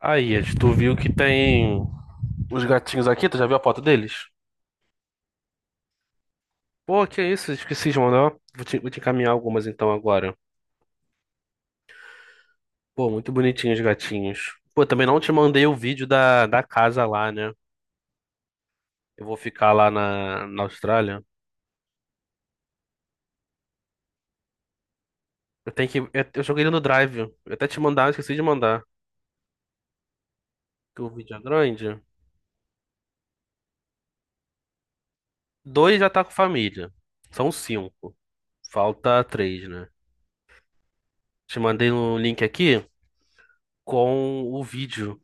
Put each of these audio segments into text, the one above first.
Aí, Ed, tu viu que tem os gatinhos aqui? Tu já viu a foto deles? Pô, que isso? Esqueci de mandar. Vou te encaminhar algumas então agora. Pô, muito bonitinhos os gatinhos. Pô, também não te mandei o vídeo da casa lá, né? Eu vou ficar lá na Austrália. Eu tenho que. Eu joguei ele no Drive. Eu até te mandar, eu esqueci de mandar. Que o vídeo é grande. Dois já tá com família. São cinco. Falta três, né? Te mandei um link aqui com o vídeo.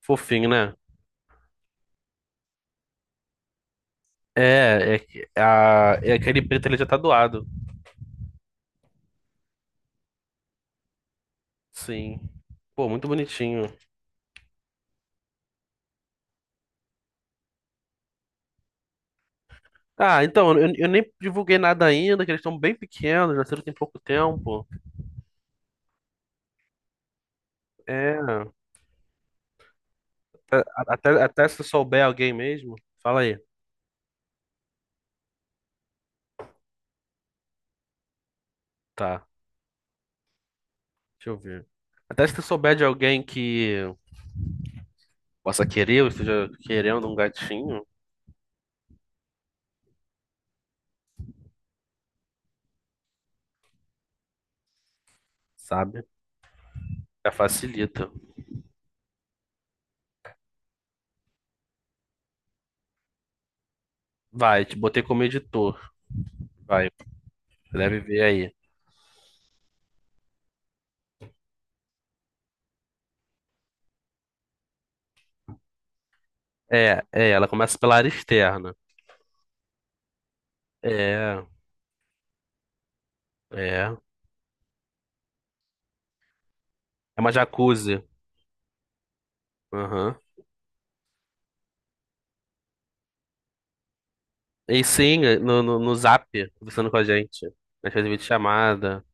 Fofinho, né? É aquele preto ele já tá doado. Sim. Pô, muito bonitinho. Ah, então, eu nem divulguei nada ainda, que eles estão bem pequenos, nasceram tem pouco tempo. É, até se tu souber alguém mesmo, fala aí. Tá, deixa eu ver. Até se tu souber de alguém que possa querer ou esteja querendo um gatinho, sabe? Já facilita. Vai, te botei como editor. Vai, deve ver aí. É, ela começa pela área externa. É, é. É uma jacuzzi. Aham. E sim, no Zap, conversando com a gente. A gente fez videochamada.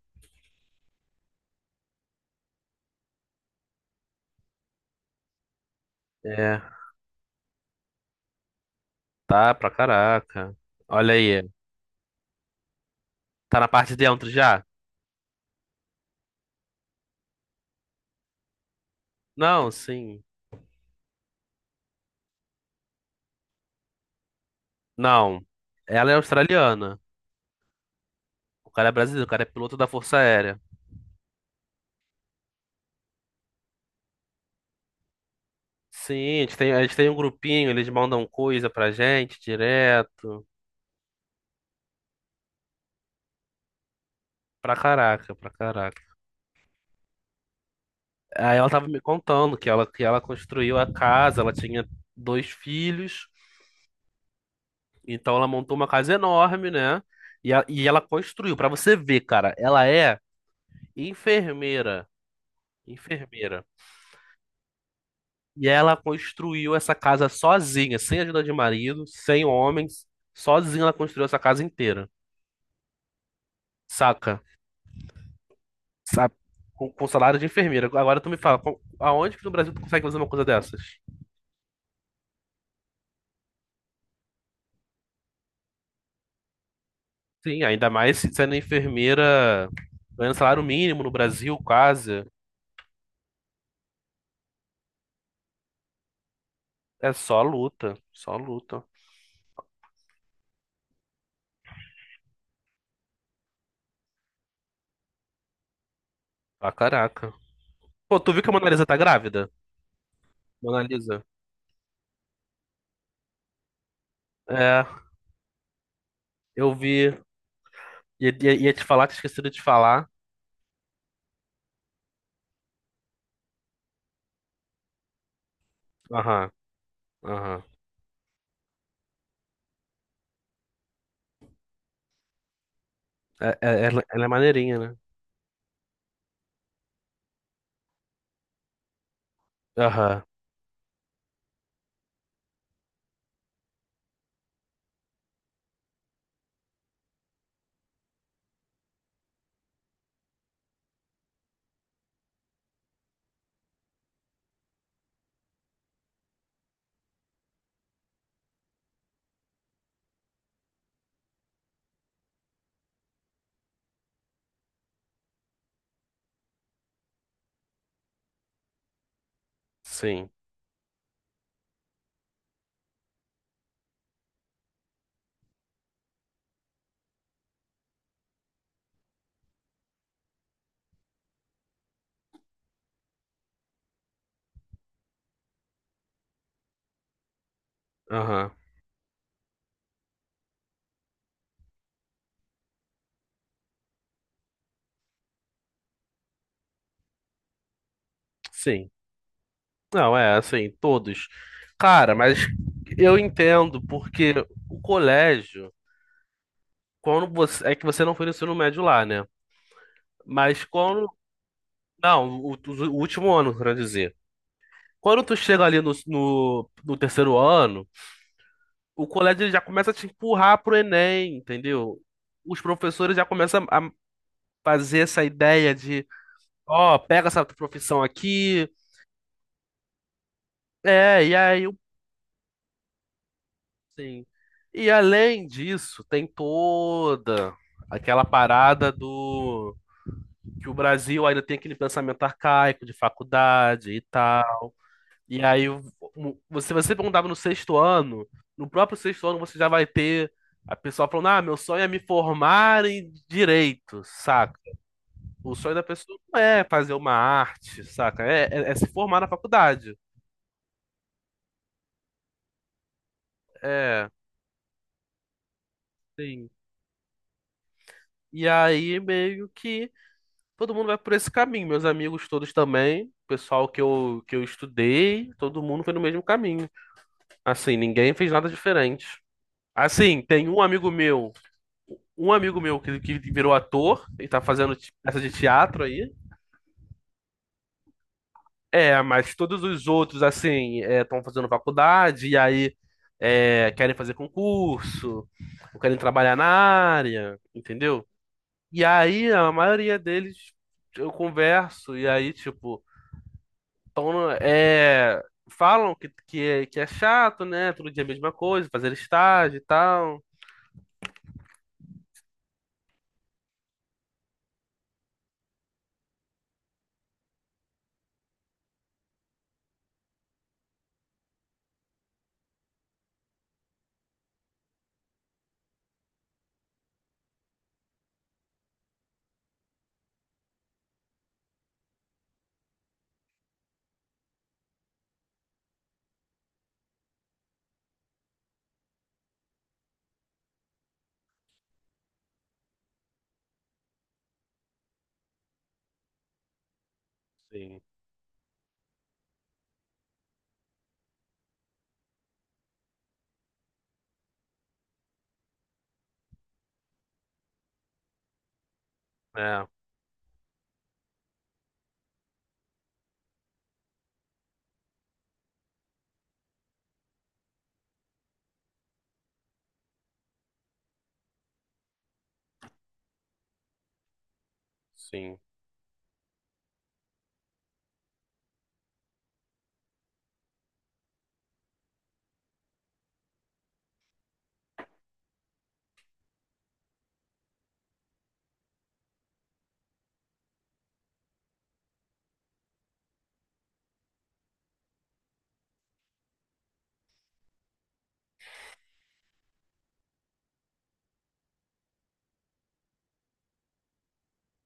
É, tá pra caraca. Olha aí. Tá na parte de dentro já? Não, sim. Não. Ela é australiana. O cara é brasileiro, o cara é piloto da Força Aérea. Sim, a gente tem um grupinho, eles mandam coisa pra gente direto. Pra caraca, pra caraca. Aí ela tava me contando que ela construiu a casa, ela tinha dois filhos. Então ela montou uma casa enorme, né? E, e ela construiu, pra você ver, cara, ela é enfermeira, enfermeira. E ela construiu essa casa sozinha, sem ajuda de marido, sem homens, sozinha ela construiu essa casa inteira, saca? Sa- Com salário de enfermeira. Agora tu me fala, com- aonde que no Brasil tu consegue fazer uma coisa dessas? Sim, ainda mais se- sendo enfermeira, ganhando salário mínimo no Brasil, quase. É só luta, só luta. Pra caraca. Pô, tu viu que a Mona Lisa tá grávida? Mona Lisa. É, eu vi. Ia te falar, tinha esquecido de falar. Aham, aham. Ela é maneirinha, né? Aham, sim. Aham, sim. Não, é assim, todos. Cara, mas eu entendo, porque o colégio, quando você. É que você não foi no ensino médio lá, né? Mas quando. Não, o último ano, quero dizer. Quando tu chega ali no terceiro ano. O colégio ele já começa a te empurrar pro Enem, entendeu? Os professores já começam a fazer essa ideia de, ó, pega essa profissão aqui. É, e aí, eu- sim. E além disso, tem toda aquela parada do que o Brasil ainda tem aquele pensamento arcaico de faculdade e tal. E aí, se você perguntava no sexto ano, no próprio sexto ano você já vai ter a pessoa falando: Ah, meu sonho é me formar em direito, saca? O sonho da pessoa não é fazer uma arte, saca? É se formar na faculdade. É, sim. E aí, meio que todo mundo vai por esse caminho. Meus amigos todos também, o pessoal que eu estudei, todo mundo foi no mesmo caminho. Assim, ninguém fez nada diferente. Assim, tem um amigo meu Um amigo meu que virou ator e tá fazendo te- peça de teatro aí. É, mas todos os outros, assim, estão fazendo faculdade e aí é, querem fazer concurso, ou querem trabalhar na área, entendeu? E aí a maioria deles eu converso e aí, tipo, tão, é, falam que é chato, né? Todo dia a mesma coisa, fazer estágio e tal. Sim, é, sim.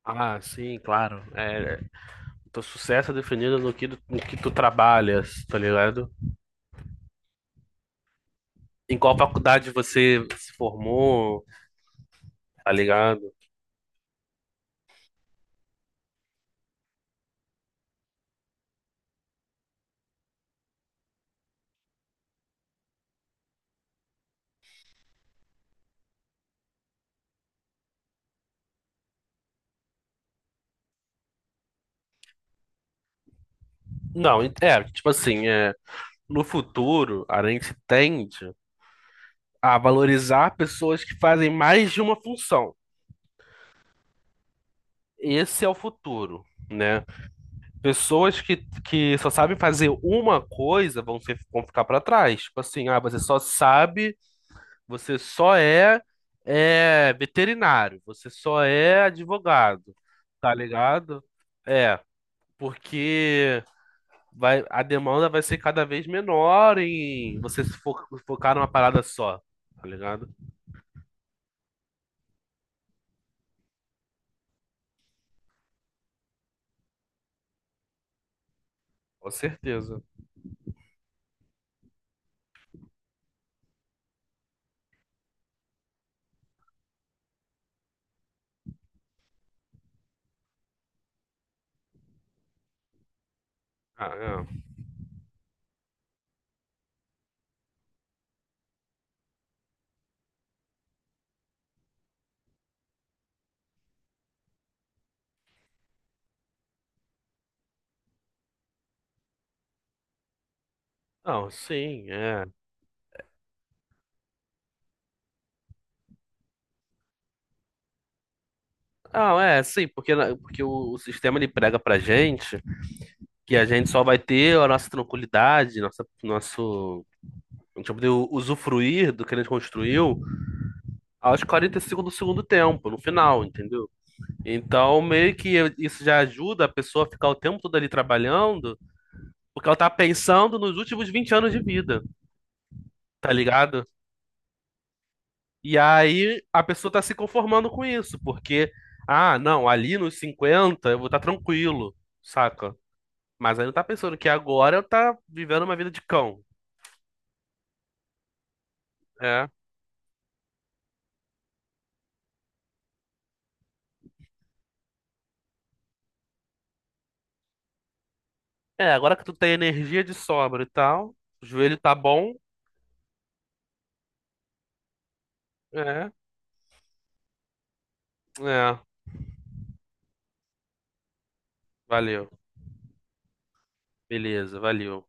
Ah, sim, claro. É, teu sucesso é definido no que, no que tu trabalhas, tá ligado? Em qual faculdade você se formou, tá ligado? Não, é, tipo assim, é, no futuro a gente tende a valorizar pessoas que fazem mais de uma função. Esse é o futuro, né? Pessoas que só sabem fazer uma coisa vão, ser, vão ficar pra trás. Tipo assim, ah, você só sabe Você só é, é veterinário, você só é advogado, tá ligado? É, porque vai, a demanda vai ser cada vez menor em você se fo- focar numa parada só, tá ligado? Com certeza. Ah, é. Não, sim, é. Não, é, sim, porque, na- porque o sistema ele prega pra gente que a gente só vai ter a nossa tranquilidade, nossa, nosso, a gente vai poder usufruir do que a gente construiu aos 45 do segundo tempo, no final, entendeu? Então, meio que isso já ajuda a pessoa a ficar o tempo todo ali trabalhando, porque ela tá pensando nos últimos 20 anos de vida, tá ligado? E aí a pessoa tá se conformando com isso, porque, ah, não, ali nos 50 eu vou estar tranquilo, saca? Mas aí não tá pensando que agora eu tá vivendo uma vida de cão, é. É, agora que tu tem energia de sobra e tal, o joelho tá bom, é, é, valeu, beleza, valeu.